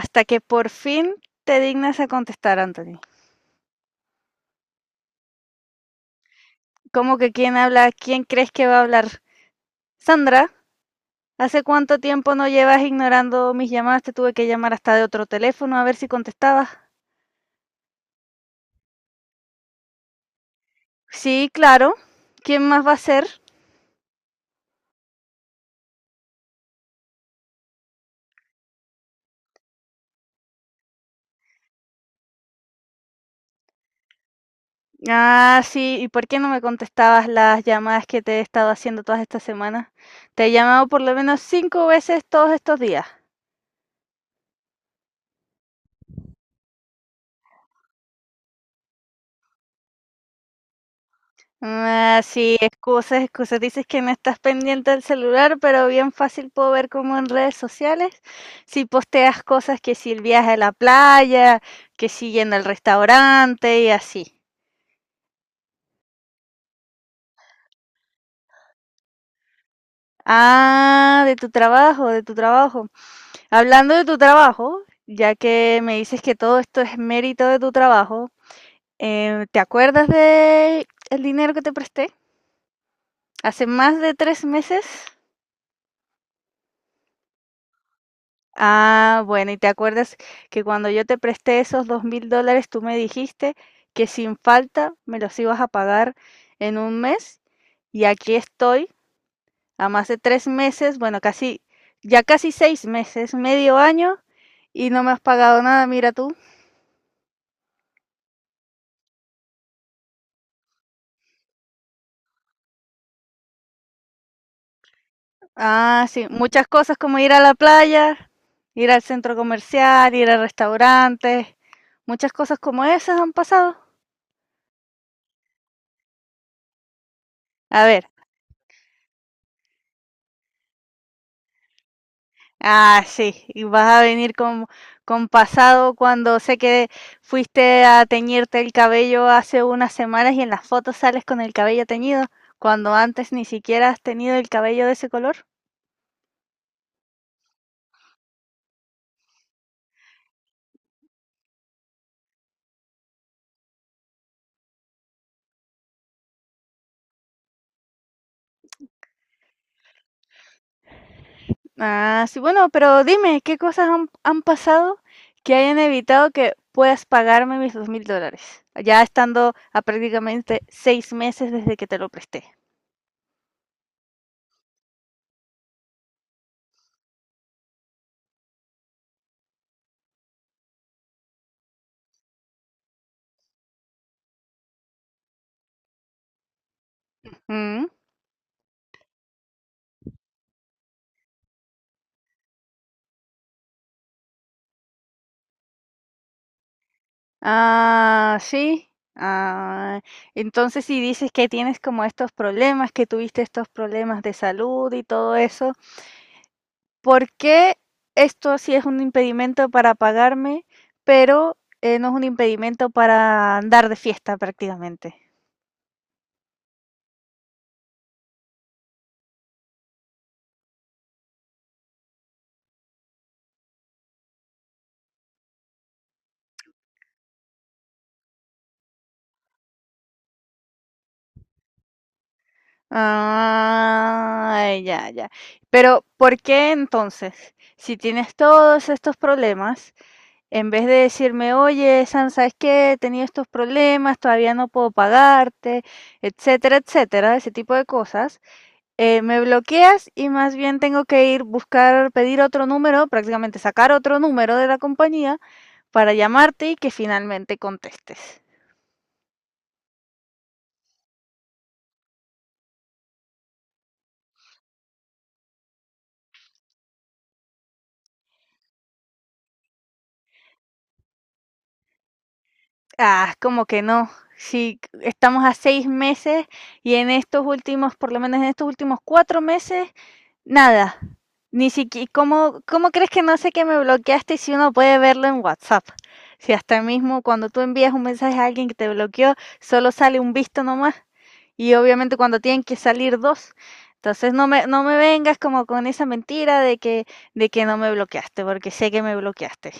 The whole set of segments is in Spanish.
Hasta que por fin te dignas a contestar, Anthony. ¿Cómo que quién habla? ¿Quién crees que va a hablar? Sandra, ¿hace cuánto tiempo no llevas ignorando mis llamadas? Te tuve que llamar hasta de otro teléfono a ver si contestabas. Sí, claro. ¿Quién más va a ser? Ah, sí, ¿y por qué no me contestabas las llamadas que te he estado haciendo todas estas semanas? Te he llamado por lo menos cinco veces todos estos días. Ah, sí, excusas, excusas. Dices que no estás pendiente del celular, pero bien fácil puedo ver como en redes sociales, si posteas cosas que si el viaje a la playa, que si yendo al restaurante y así. Ah, de tu trabajo, de tu trabajo. Hablando de tu trabajo, ya que me dices que todo esto es mérito de tu trabajo, ¿te acuerdas de el dinero que te presté? Hace más de 3 meses. Ah, bueno, y te acuerdas que cuando yo te presté esos $2,000, tú me dijiste que sin falta me los ibas a pagar en un mes, y aquí estoy a más de 3 meses, bueno, casi, ya casi 6 meses, medio año, y no me has pagado nada, mira tú. Ah, sí, muchas cosas como ir a la playa, ir al centro comercial, ir a restaurantes, muchas cosas como esas han pasado. A ver. Ah, sí, y vas a venir con pasado cuando sé que fuiste a teñirte el cabello hace unas semanas y en las fotos sales con el cabello teñido, cuando antes ni siquiera has tenido el cabello de ese color. Ah, sí, bueno, pero dime, ¿qué cosas han pasado que hayan evitado que puedas pagarme mis $2,000? Ya estando a prácticamente 6 meses desde que te lo presté. ¿Mm? Ah, sí. Ah, entonces si dices que tienes como estos problemas, que tuviste estos problemas de salud y todo eso, ¿por qué esto sí es un impedimento para pagarme, pero no es un impedimento para andar de fiesta prácticamente? Ah, ya, ya. Pero ¿por qué entonces, si tienes todos estos problemas, en vez de decirme, oye, San, ¿sabes qué? He tenido estos problemas, todavía no puedo pagarte, etcétera, etcétera, ese tipo de cosas, me bloqueas y más bien tengo que ir buscar, pedir otro número, prácticamente sacar otro número de la compañía para llamarte y que finalmente contestes. Ah, como que no. Si estamos a 6 meses y en estos últimos, por lo menos en estos últimos 4 meses, nada, ni siquiera. ¿Cómo crees que no sé que me bloqueaste si uno puede verlo en WhatsApp? Si hasta mismo cuando tú envías un mensaje a alguien que te bloqueó, solo sale un visto nomás. Y obviamente cuando tienen que salir dos. Entonces no me vengas como con esa mentira de que no me bloqueaste, porque sé que me bloqueaste.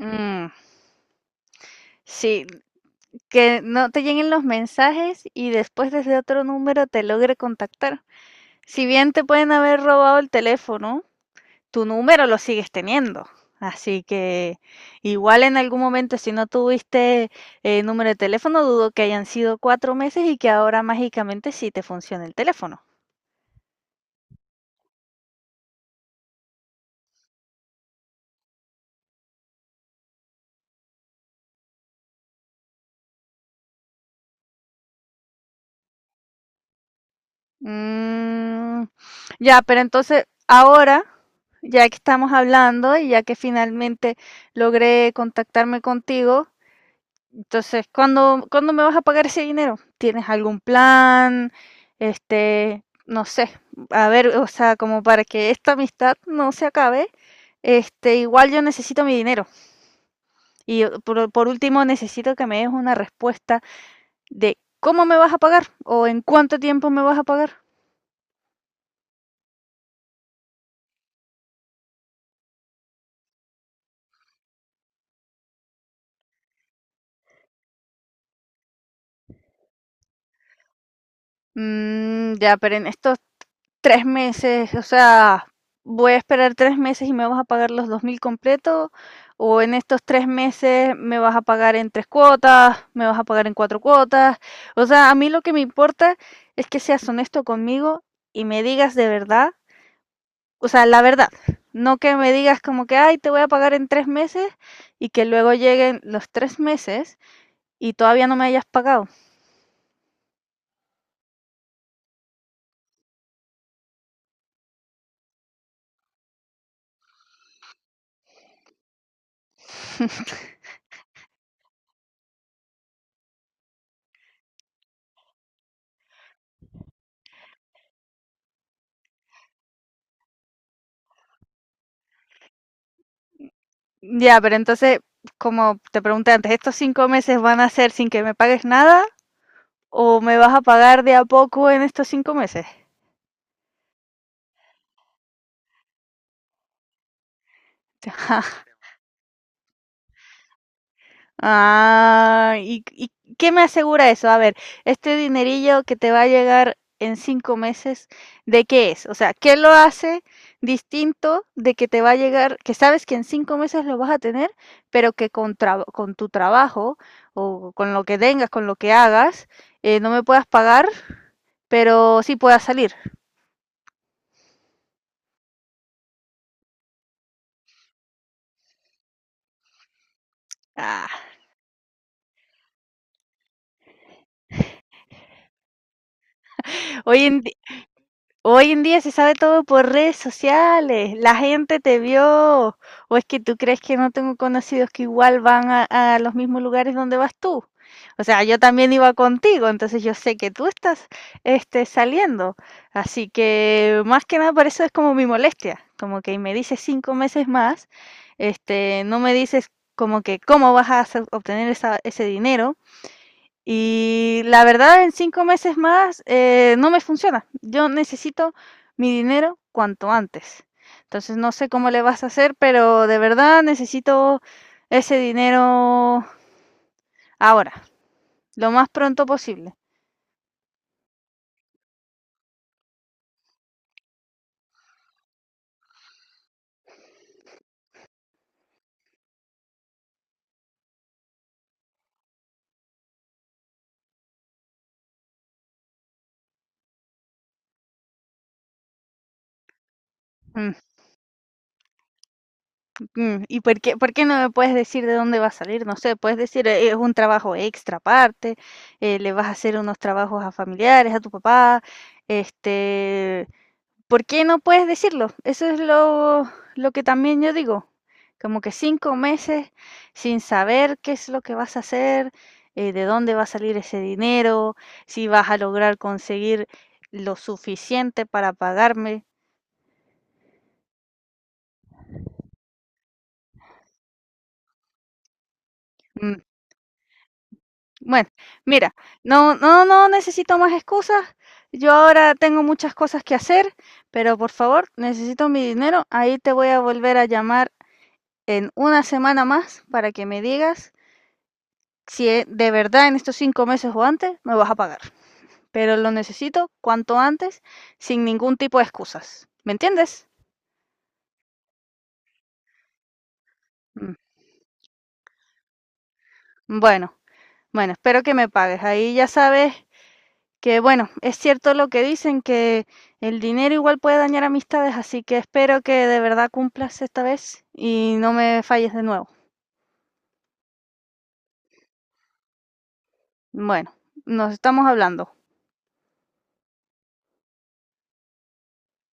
Mm, sí, que no te lleguen los mensajes y después desde otro número te logre contactar. Si bien te pueden haber robado el teléfono, tu número lo sigues teniendo. Así que igual en algún momento, si no tuviste número de teléfono, dudo que hayan sido 4 meses y que ahora mágicamente sí te funcione el teléfono. Mm, ya, pero entonces ahora, ya que estamos hablando y ya que finalmente logré contactarme contigo, entonces, ¿cuándo me vas a pagar ese dinero? ¿Tienes algún plan? Este, no sé, a ver, o sea, como para que esta amistad no se acabe, este, igual yo necesito mi dinero. Y por último, necesito que me des una respuesta de cómo me vas a pagar o en cuánto tiempo me vas a pagar. Mm, ya, pero en esto 3 meses, o sea, voy a esperar 3 meses y me vas a pagar los 2,000 completo, o en estos 3 meses me vas a pagar en 3 cuotas, me vas a pagar en 4 cuotas. O sea, a mí lo que me importa es que seas honesto conmigo y me digas de verdad, o sea, la verdad. No que me digas como que, ay, te voy a pagar en 3 meses y que luego lleguen los 3 meses y todavía no me hayas pagado. Ya, pero entonces como te pregunté antes, ¿estos 5 meses van a ser sin que me pagues nada? ¿O me vas a pagar de a poco en estos 5 meses? Ah, ¿Y qué me asegura eso? A ver, este dinerillo que te va a llegar en 5 meses, ¿de qué es? O sea, ¿qué lo hace distinto de que te va a llegar, que sabes que en 5 meses lo vas a tener, pero que con tu trabajo o con lo que tengas, con lo que hagas, no me puedas pagar, pero sí puedas salir? Ah, oye, hoy en día se sabe todo por redes sociales, la gente te vio, o es que tú crees que no tengo conocidos que igual van a los mismos lugares donde vas tú. O sea, yo también iba contigo, entonces yo sé que tú estás saliendo. Así que más que nada por eso es como mi molestia, como que me dices 5 meses más, no me dices como que cómo vas a obtener ese dinero, y la verdad, en 5 meses más no me funciona. Yo necesito mi dinero cuanto antes. Entonces no sé cómo le vas a hacer, pero de verdad necesito ese dinero ahora, lo más pronto posible. Mm, mm. ¿Y por qué no me puedes decir de dónde va a salir? No sé, puedes decir, es un trabajo extra aparte, le vas a hacer unos trabajos a familiares, a tu papá, este, ¿por qué no puedes decirlo? Eso es lo que también yo digo. Como que 5 meses sin saber qué es lo que vas a hacer, de dónde va a salir ese dinero, si vas a lograr conseguir lo suficiente para pagarme. Mm, bueno, mira, no, no, no necesito más excusas. Yo ahora tengo muchas cosas que hacer, pero por favor, necesito mi dinero. Ahí te voy a volver a llamar en una semana más para que me digas si de verdad en estos 5 meses o antes me vas a pagar, pero lo necesito cuanto antes, sin ningún tipo de excusas. ¿Me entiendes? Mm, bueno, bueno, espero que me pagues. Ahí ya sabes que, bueno, es cierto lo que dicen, que el dinero igual puede dañar amistades, así que espero que de verdad cumplas esta vez y no me falles de nuevo. Bueno, nos estamos hablando.